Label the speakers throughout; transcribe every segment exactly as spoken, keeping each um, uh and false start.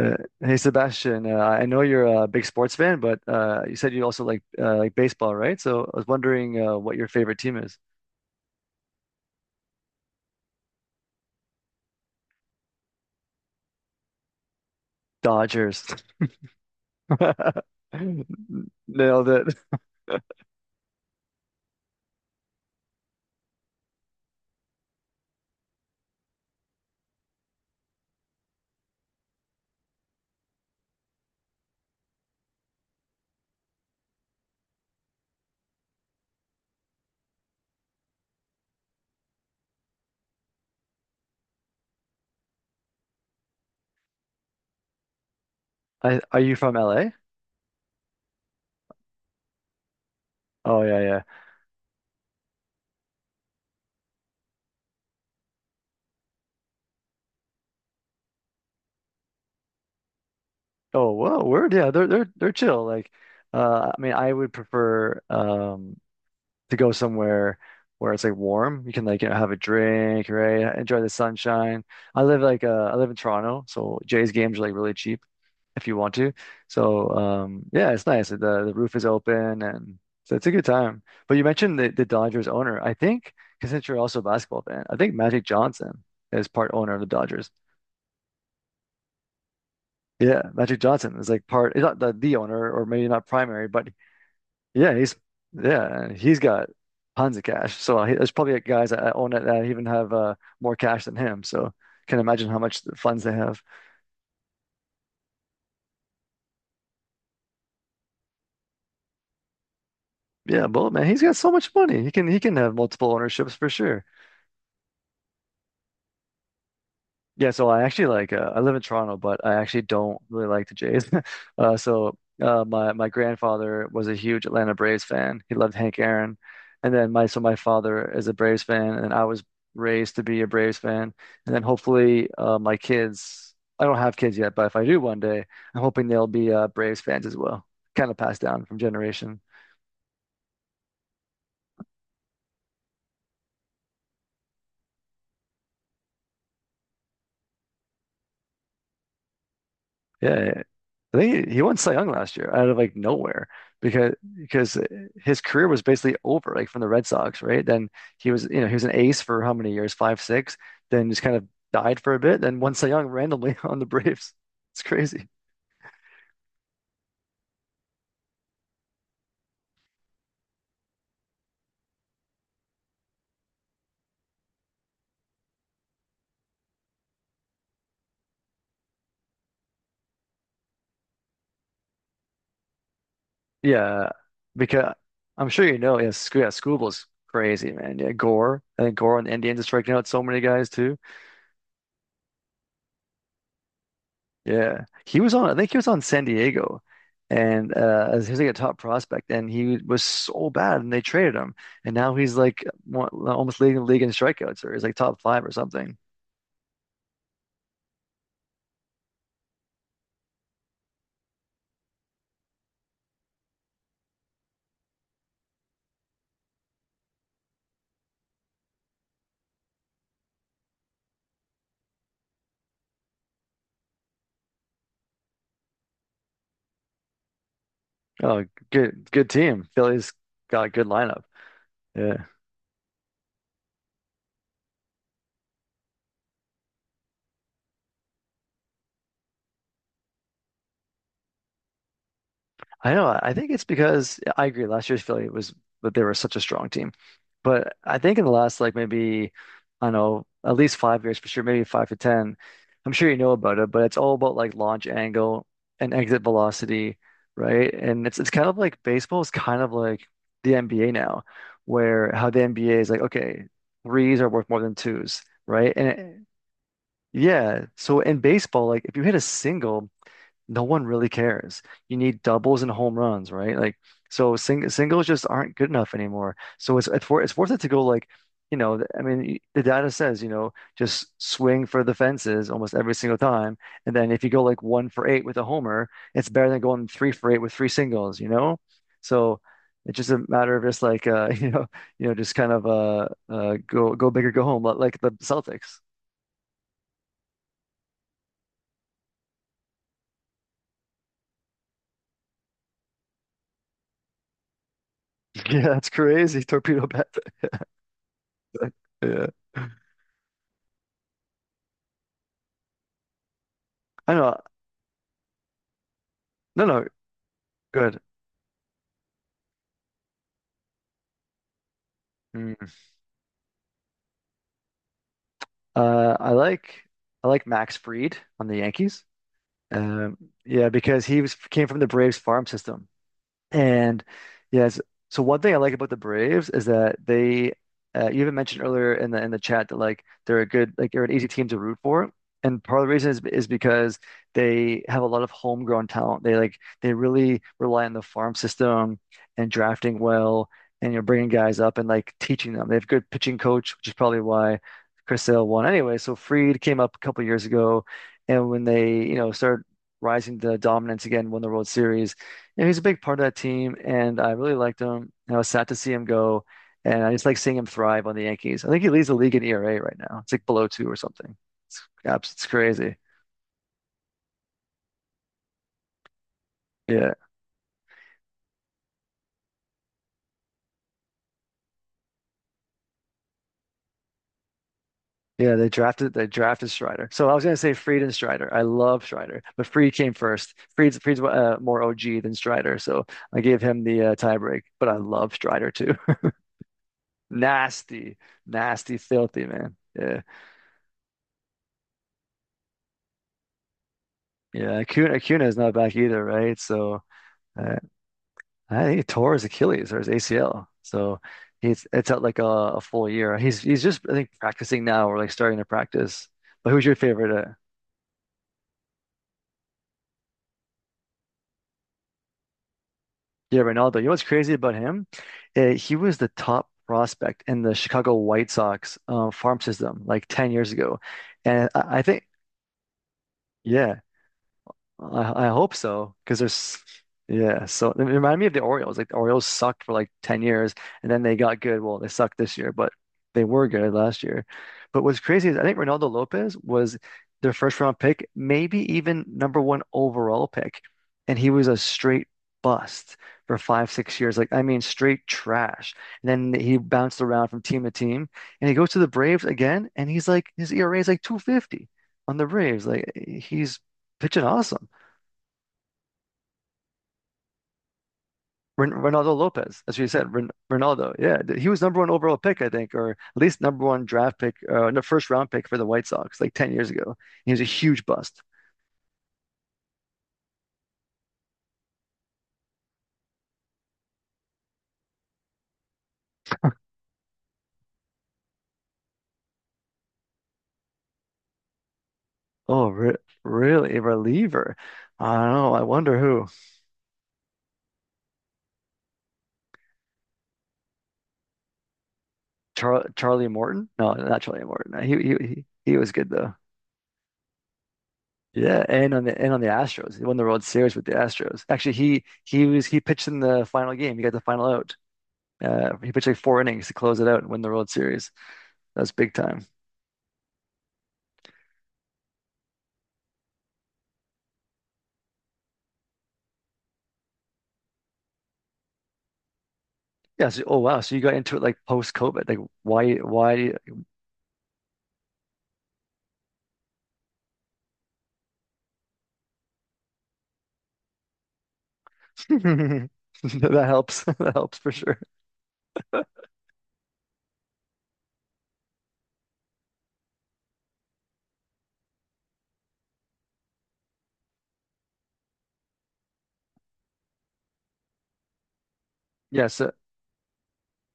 Speaker 1: Uh, Hey Sebastian, uh, I know you're a big sports fan, but uh, you said you also like uh, like baseball, right? So I was wondering uh, what your favorite team is. Dodgers. Nailed it. I, are you from L A? Oh yeah, yeah. Oh whoa, word. Yeah, they're they're they're chill. Like, uh, I mean, I would prefer um to go somewhere where it's like warm. You can like you know have a drink, right? Enjoy the sunshine. I live like uh I live in Toronto, so Jay's games are like really cheap. If you want to. So um, yeah, it's nice. The the roof is open, and so it's a good time. But you mentioned the, the Dodgers owner. I think, because since you're also a basketball fan, I think Magic Johnson is part owner of the Dodgers. Yeah, Magic Johnson is like part. He's not the, the owner, or maybe not primary, but yeah, he's yeah, he's got tons of cash. So he, there's probably guys that own it that even have uh, more cash than him. So. Can imagine how much funds they have. Yeah, Bull man, he's got so much money. He can he can have multiple ownerships for sure. Yeah, so I actually like uh, I live in Toronto, but I actually don't really like the Jays. uh, so uh, my my grandfather was a huge Atlanta Braves fan. He loved Hank Aaron, and then my so my father is a Braves fan, and I was raised to be a Braves fan. And then hopefully uh, my kids. I don't have kids yet, but if I do one day, I'm hoping they'll be uh, Braves fans as well. Kind of passed down from generation. Yeah, yeah, I think he, he won Cy Young last year out of like nowhere because because his career was basically over like from the Red Sox, right? Then he was you know he was an ace for how many years? Five, six. Then just kind of died for a bit. Then won Cy Young randomly on the Braves. It's crazy. Yeah, because I'm sure you know. Yeah, Sc yeah, Scooble's crazy, man. Yeah, Gore. I think Gore on the Indians is striking out so many guys too. Yeah, he was on. I think he was on San Diego, and uh, as he was like a top prospect, and he was so bad, and they traded him, and now he's like one, almost leading the league in strikeouts, or he's like top five or something. Oh, good, good team. Philly's got a good lineup. Yeah. I know. I think it's because yeah, I agree. Last year's Philly was, but they were such a strong team. But I think in the last like maybe, I don't know, at least five years for sure, maybe five to ten. I'm sure you know about it, but it's all about like launch angle and exit velocity, right? And it's it's kind of like baseball is kind of like the N B A now, where how the N B A is like, okay, threes are worth more than twos, right? And it- yeah, so in baseball, like if you hit a single no one really cares. You need doubles and home runs, right? Like so sing singles just aren't good enough anymore. So it's it's worth it's worth it to go like, you know, th- I mean, y- the data says, you know, just swing for the fences almost every single time. And then if you go like one for eight with a homer, it's better than going three for eight with three singles, you know? So it's just a matter of just like uh, you know, you know, just kind of uh uh go go big or go home, li- like the Celtics. Yeah, that's crazy. Torpedo bat. Yeah. I know. No, no. Good. Mm. Uh, I like I like Max Fried on the Yankees. Um, yeah, because he was came from the Braves farm system. And yes, so one thing I like about the Braves is that they, uh, you even mentioned earlier in the in the chat that like they're a good like they're an easy team to root for, and part of the reason is is because they have a lot of homegrown talent. They like they really rely on the farm system and drafting well, and you're bringing guys up and like teaching them. They have good pitching coach, which is probably why Chris Sale won anyway. So Fried came up a couple years ago, and when they you know started rising to dominance again, won the World Series yeah, he's a big part of that team, and I really liked him. And I was sad to see him go, and I just like seeing him thrive on the Yankees. I think he leads the league in E R A right now. It's like below two or something. It's, abs- it's crazy. Yeah, yeah. They drafted they drafted Strider. So I was gonna say Fried and Strider. I love Strider, but Fried came first. Fried's Fried's uh, more O G than Strider, so I gave him the uh, tiebreak. But I love Strider too. Nasty, nasty, filthy man. Yeah, yeah. Acuna, Acuna is not back either, right? So. Uh, I think he tore his Achilles or his A C L. So he's it's out like a, a full year. He's he's just I think practicing now or like starting to practice. But who's your favorite? Uh, yeah, Ronaldo. You know what's crazy about him? Uh, he was the top prospect in the Chicago White Sox uh, farm system like ten years ago. And I, I think, yeah, I, I hope so because there's yeah, so it reminded me of the Orioles, like the Orioles sucked for like ten years, and then they got good. Well, they sucked this year, but they were good last year. But what's crazy is I think Ronaldo Lopez was their first round pick, maybe even number one overall pick, and he was a straight bust for five six years. Like, I mean, straight trash. And then he bounced around from team to team, and he goes to the Braves again, and he's like his E R A is like two fifty on the Braves. Like, he's pitching awesome. Ren Ronaldo Lopez, as you said, Ren Ronaldo. Yeah, th- he was number one overall pick, I think, or at least number one draft pick, uh, no, first round pick for the White Sox like ten years ago. He was a huge bust. Oh, re really? A reliever? I don't know. I wonder who. Char Charlie Morton? No, not Charlie Morton. No, He, he he he was good though. Yeah, and on the and on the Astros, he won the World Series with the Astros. Actually, he he was he pitched in the final game. He got the final out. Uh, he pitched like four innings to close it out and win the World Series. That's big time. Yeah. So, oh wow. So you got into it like post-COVID. Like why why that helps. That helps for sure. Yeah. So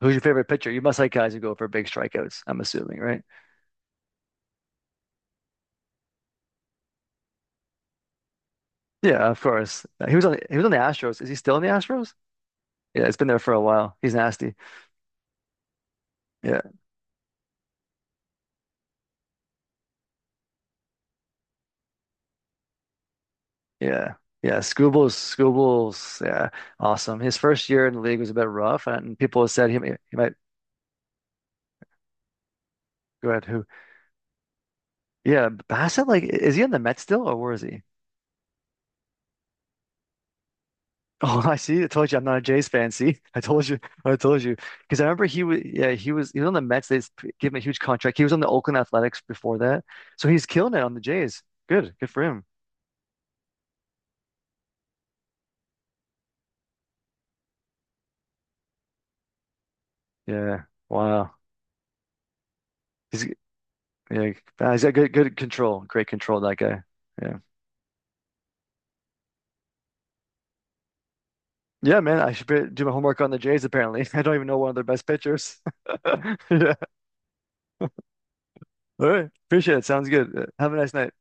Speaker 1: who's your favorite pitcher? You must like guys who go for big strikeouts, I'm assuming, right? Yeah, of course. He was on he was on the Astros. Is he still in the Astros? Yeah, it's been there for a while. He's nasty. Yeah. Yeah. Yeah. Scoobles, Scoobles. Yeah. Awesome. His first year in the league was a bit rough and people said he, may- he might go ahead who. Yeah, Bassett, like is he in the Mets still or where is he? Oh, I see. I told you I'm not a Jays fan. See, I told you. I told you because I remember he was. Yeah, he was. He was on the Mets. They s- gave him a huge contract. He was on the Oakland Athletics before that, so he's killing it on the Jays. Good, good for him. Yeah. Wow. He's yeah. uh, He's got good, good control. Great control, that guy. Yeah. Yeah, man. I should be- do my homework on the Jays. Apparently, I don't even know one of their best pitchers. Yeah. All right. Appreciate it. Sounds good. Uh, Have a nice night.